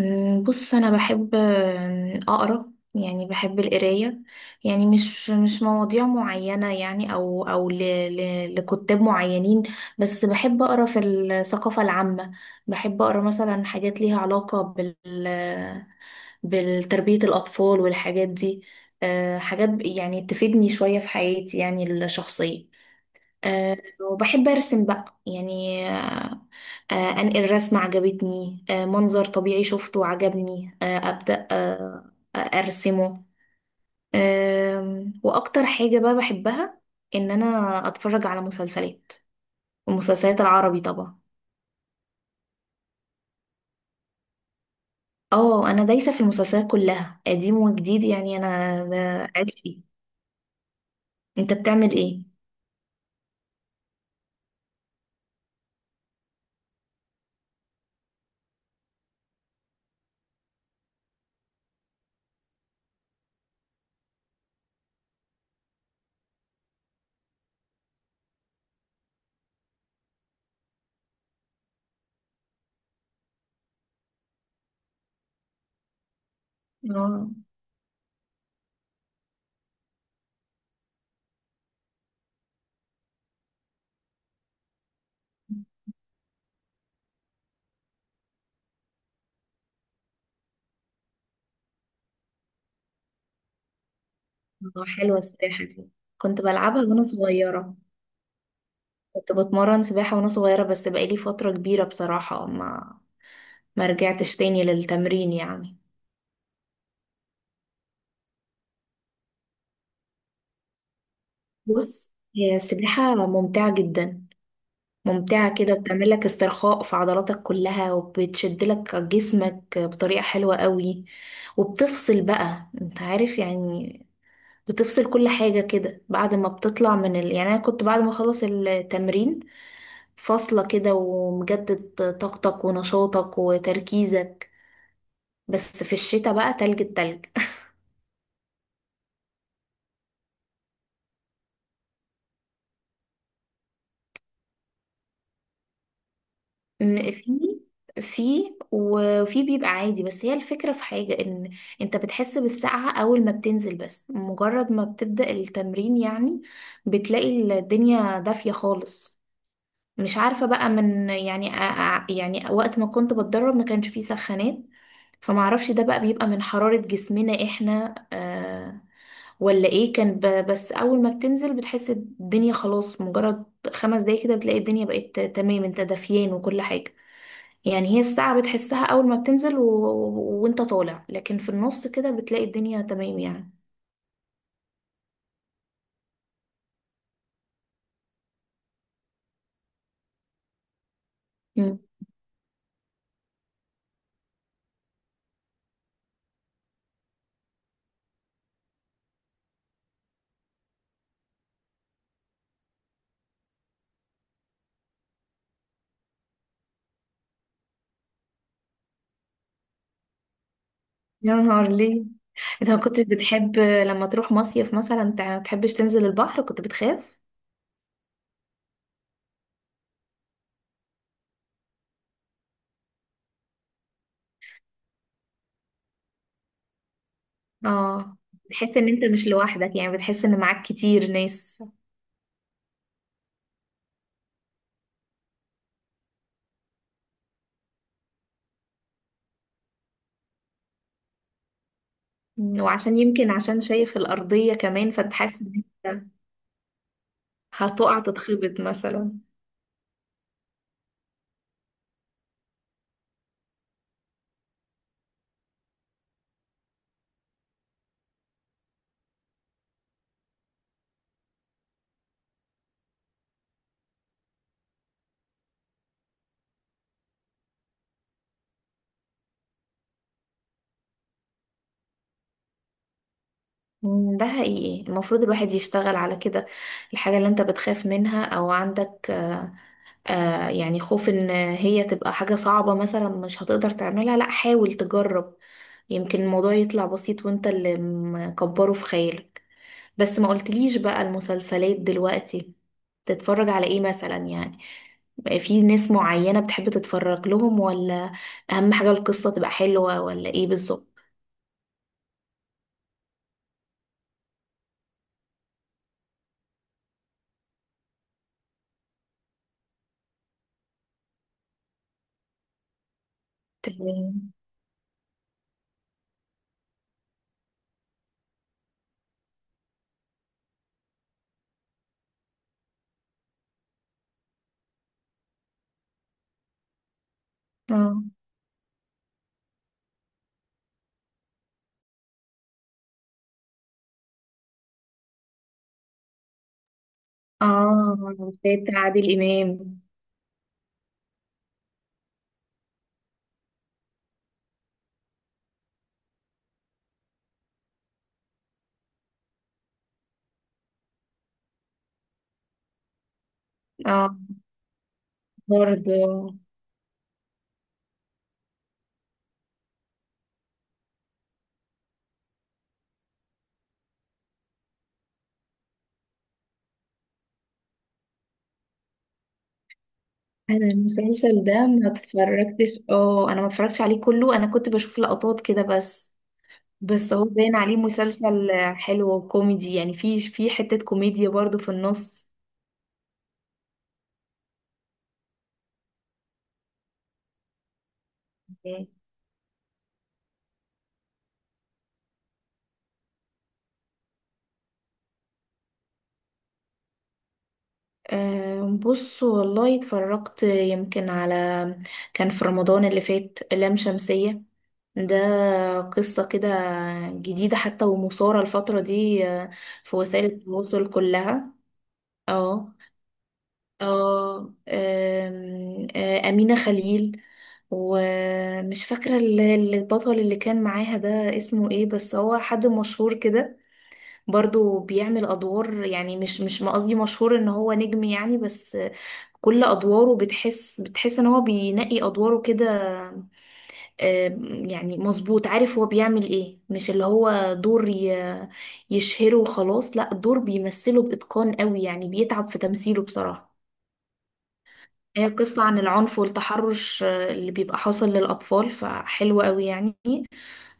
بص انا بحب اقرا، يعني بحب القرايه. يعني مش مواضيع معينه، يعني او ل ل لكتاب معينين. بس بحب اقرا في الثقافه العامه. بحب اقرا مثلا حاجات ليها علاقه بالتربيه الاطفال والحاجات دي. حاجات يعني تفيدني شويه في حياتي، يعني الشخصيه. آه، وبحب أرسم بقى يعني. أنقل رسمة عجبتني، منظر طبيعي شفته عجبني، أبدأ أرسمه. وأكتر حاجة بقى بحبها إن أنا أتفرج على مسلسلات، المسلسلات العربي طبعا. اه، أنا دايسة في المسلسلات كلها قديم وجديد، يعني أنا ده عشقي. أنت بتعمل إيه؟ اه. حلوة السباحة دي، كنت بلعبها وأنا صغيرة. كنت بتمرن سباحة وانا صغيرة، بس بقالي فترة كبيرة بصراحة ما رجعتش تاني للتمرين يعني. بص، هي السباحة ممتعة جدا، ممتعة كده، بتعمل لك استرخاء في عضلاتك كلها وبتشد لك جسمك بطريقة حلوة قوي. وبتفصل بقى، انت عارف يعني. بتفصل كل حاجة كده بعد ما بتطلع من يعني انا كنت بعد ما اخلص التمرين فاصلة كده، ومجدد طاقتك ونشاطك وتركيزك. بس في الشتاء بقى، تلج، التلج. إن في وفي بيبقى عادي. بس هي الفكرة في حاجة ان انت بتحس بالسقعة اول ما بتنزل، بس مجرد ما بتبدأ التمرين يعني، بتلاقي الدنيا دافية خالص. مش عارفة بقى من يعني، يعني وقت ما كنت بتدرب ما كانش فيه سخانات. فمعرفش ده بقى بيبقى من حرارة جسمنا احنا ولا ايه. كان بس اول ما بتنزل بتحس الدنيا خلاص، مجرد 5 دقايق كده بتلاقي الدنيا بقت تمام، انت دافيان وكل حاجة. يعني هي الساعة بتحسها أول ما بتنزل وانت طالع، لكن في النص كده بتلاقي الدنيا تمام يعني. مم. يا نهار ليه، انت ما كنتش بتحب لما تروح مصيف مثلا تحبش تنزل البحر؟ كنت بتخاف؟ اه، بتحس ان انت مش لوحدك، يعني بتحس ان معاك كتير ناس. مم. وعشان يمكن عشان شايف الأرضية كمان، فانت حاسس ان انت هتقع تتخبط مثلا. ده حقيقي، المفروض الواحد يشتغل على كده. الحاجة اللي انت بتخاف منها او عندك يعني خوف ان هي تبقى حاجة صعبة مثلا، مش هتقدر تعملها، لا حاول تجرب. يمكن الموضوع يطلع بسيط وانت اللي مكبره في خيالك. بس ما قلتليش بقى المسلسلات دلوقتي تتفرج على ايه مثلا يعني؟ في ناس معينة بتحب تتفرج لهم، ولا اهم حاجة القصة تبقى حلوة، ولا ايه بالظبط؟ تمام. اه. اه، بتاعت عادل امام. اه، برضه. انا المسلسل ده ما اتفرجتش، اه انا ما اتفرجتش عليه كله، انا كنت بشوف لقطات كده بس. بس هو باين عليه مسلسل حلو وكوميدي، يعني في حتة كوميديا برضو في النص. مم. بص والله اتفرجت يمكن على... كان في رمضان اللي فات لام شمسية. ده قصة كده جديدة حتى، ومثارة الفترة دي في وسائل التواصل كلها. اه. اه. آم، آه، أمينة خليل. ومش فاكرة البطل اللي كان معاها ده اسمه ايه، بس هو حد مشهور كده، برضو بيعمل أدوار، يعني مش ما قصدي مشهور ان هو نجم يعني، بس كل أدواره بتحس ان هو بينقي أدواره كده. يعني مظبوط، عارف هو بيعمل ايه، مش اللي هو دور يشهره وخلاص، لا دور بيمثله بإتقان قوي يعني، بيتعب في تمثيله بصراحة. هي قصة عن العنف والتحرش اللي بيبقى حاصل للأطفال، فحلوة قوي يعني،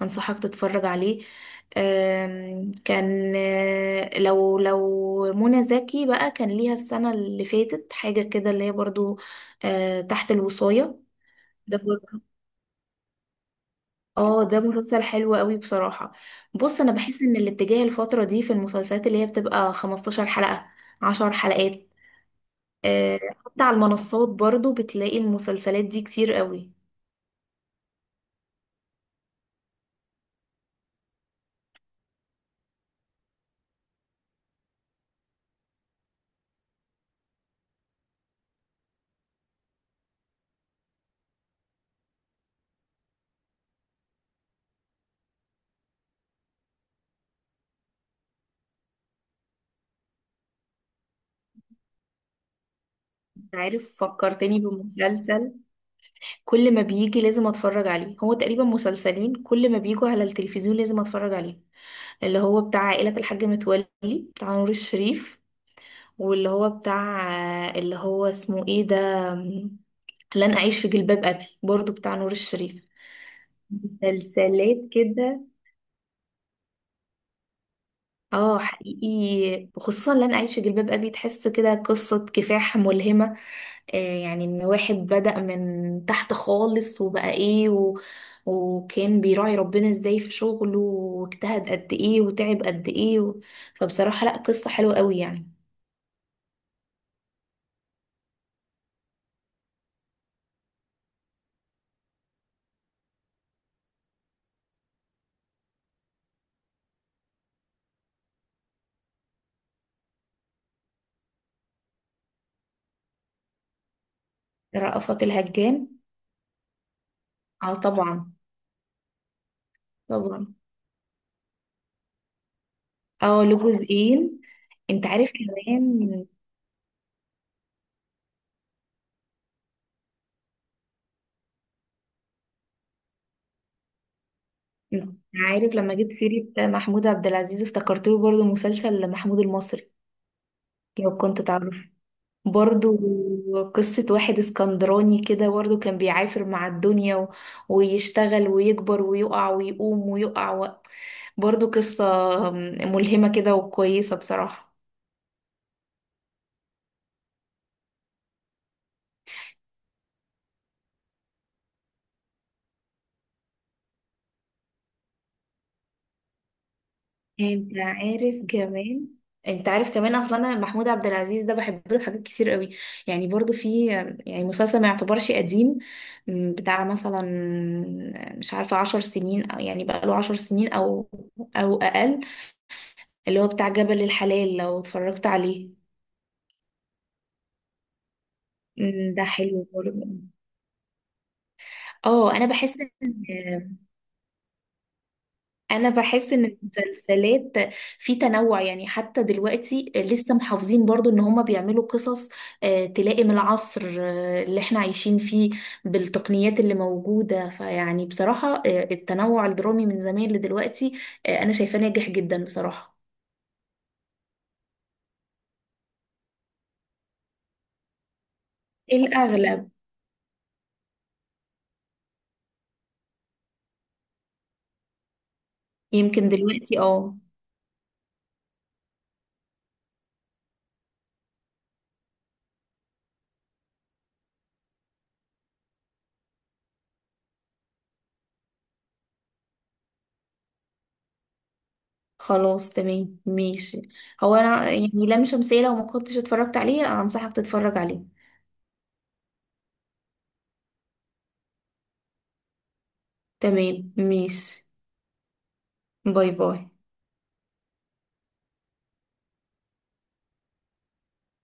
أنصحك تتفرج عليه. كان لو منى زكي بقى كان ليها السنة اللي فاتت حاجة كده اللي هي برضو تحت الوصاية. ده برضو. اه ده مسلسل حلو قوي بصراحة. بص، أنا بحس إن الاتجاه الفترة دي في المسلسلات اللي هي بتبقى 15 حلقة، 10 حلقات. آه، حتى على المنصات برضو بتلاقي المسلسلات دي كتير قوي. عارف، فكرتني بمسلسل كل ما بيجي لازم اتفرج عليه، هو تقريبا مسلسلين كل ما بيجوا على التلفزيون لازم اتفرج عليه. اللي هو بتاع عائلة الحاج متولي بتاع نور الشريف، واللي هو بتاع... اللي هو اسمه ايه ده، لن اعيش في جلباب ابي برضو بتاع نور الشريف. مسلسلات كده. اه حقيقي، وخصوصا لن اعيش في جلباب ابي، تحس كده قصة كفاح ملهمة، يعني ان واحد بدأ من تحت خالص وبقى ايه و... وكان بيراعي ربنا ازاي في شغله، واجتهد قد ايه وتعب قد ايه و... فبصراحة، لا قصة حلوة قوي يعني. رأفت الهجان. اه طبعا. طبعا. اه له جزئين. انت عارف كمان. عارف، لما جبت سيرة محمود عبد العزيز افتكرت له برضه مسلسل محمود المصري، لو كنت تعرف. برضو، قصة واحد اسكندراني كده، برضو كان بيعافر مع الدنيا و... ويشتغل ويكبر ويقع ويقوم ويقع و... برضو قصة ملهمة كده وكويسة بصراحة. انت عارف كمان انت عارف كمان اصلا، انا محمود عبد العزيز ده بحب له حاجات كتير قوي. يعني برضو في، يعني مسلسل ما يعتبرش قديم، بتاع مثلا، مش عارفة 10 سنين، أو يعني بقى له 10 سنين او اقل، اللي هو بتاع جبل الحلال، لو اتفرجت عليه. ده حلو برضه. اه ان انا بحس ان المسلسلات في تنوع، يعني حتى دلوقتي لسه محافظين برضو ان هما بيعملوا قصص تلائم العصر اللي احنا عايشين فيه، بالتقنيات اللي موجودة، فيعني بصراحة التنوع الدرامي من زمان لدلوقتي انا شايفاه ناجح جدا بصراحة. الاغلب. يمكن دلوقتي. اه، خلاص تمام ماشي. هو انا يعني، لام شمسية لو ما كنتش اتفرجت عليه انصحك تتفرج عليه. تمام ماشي. باي باي.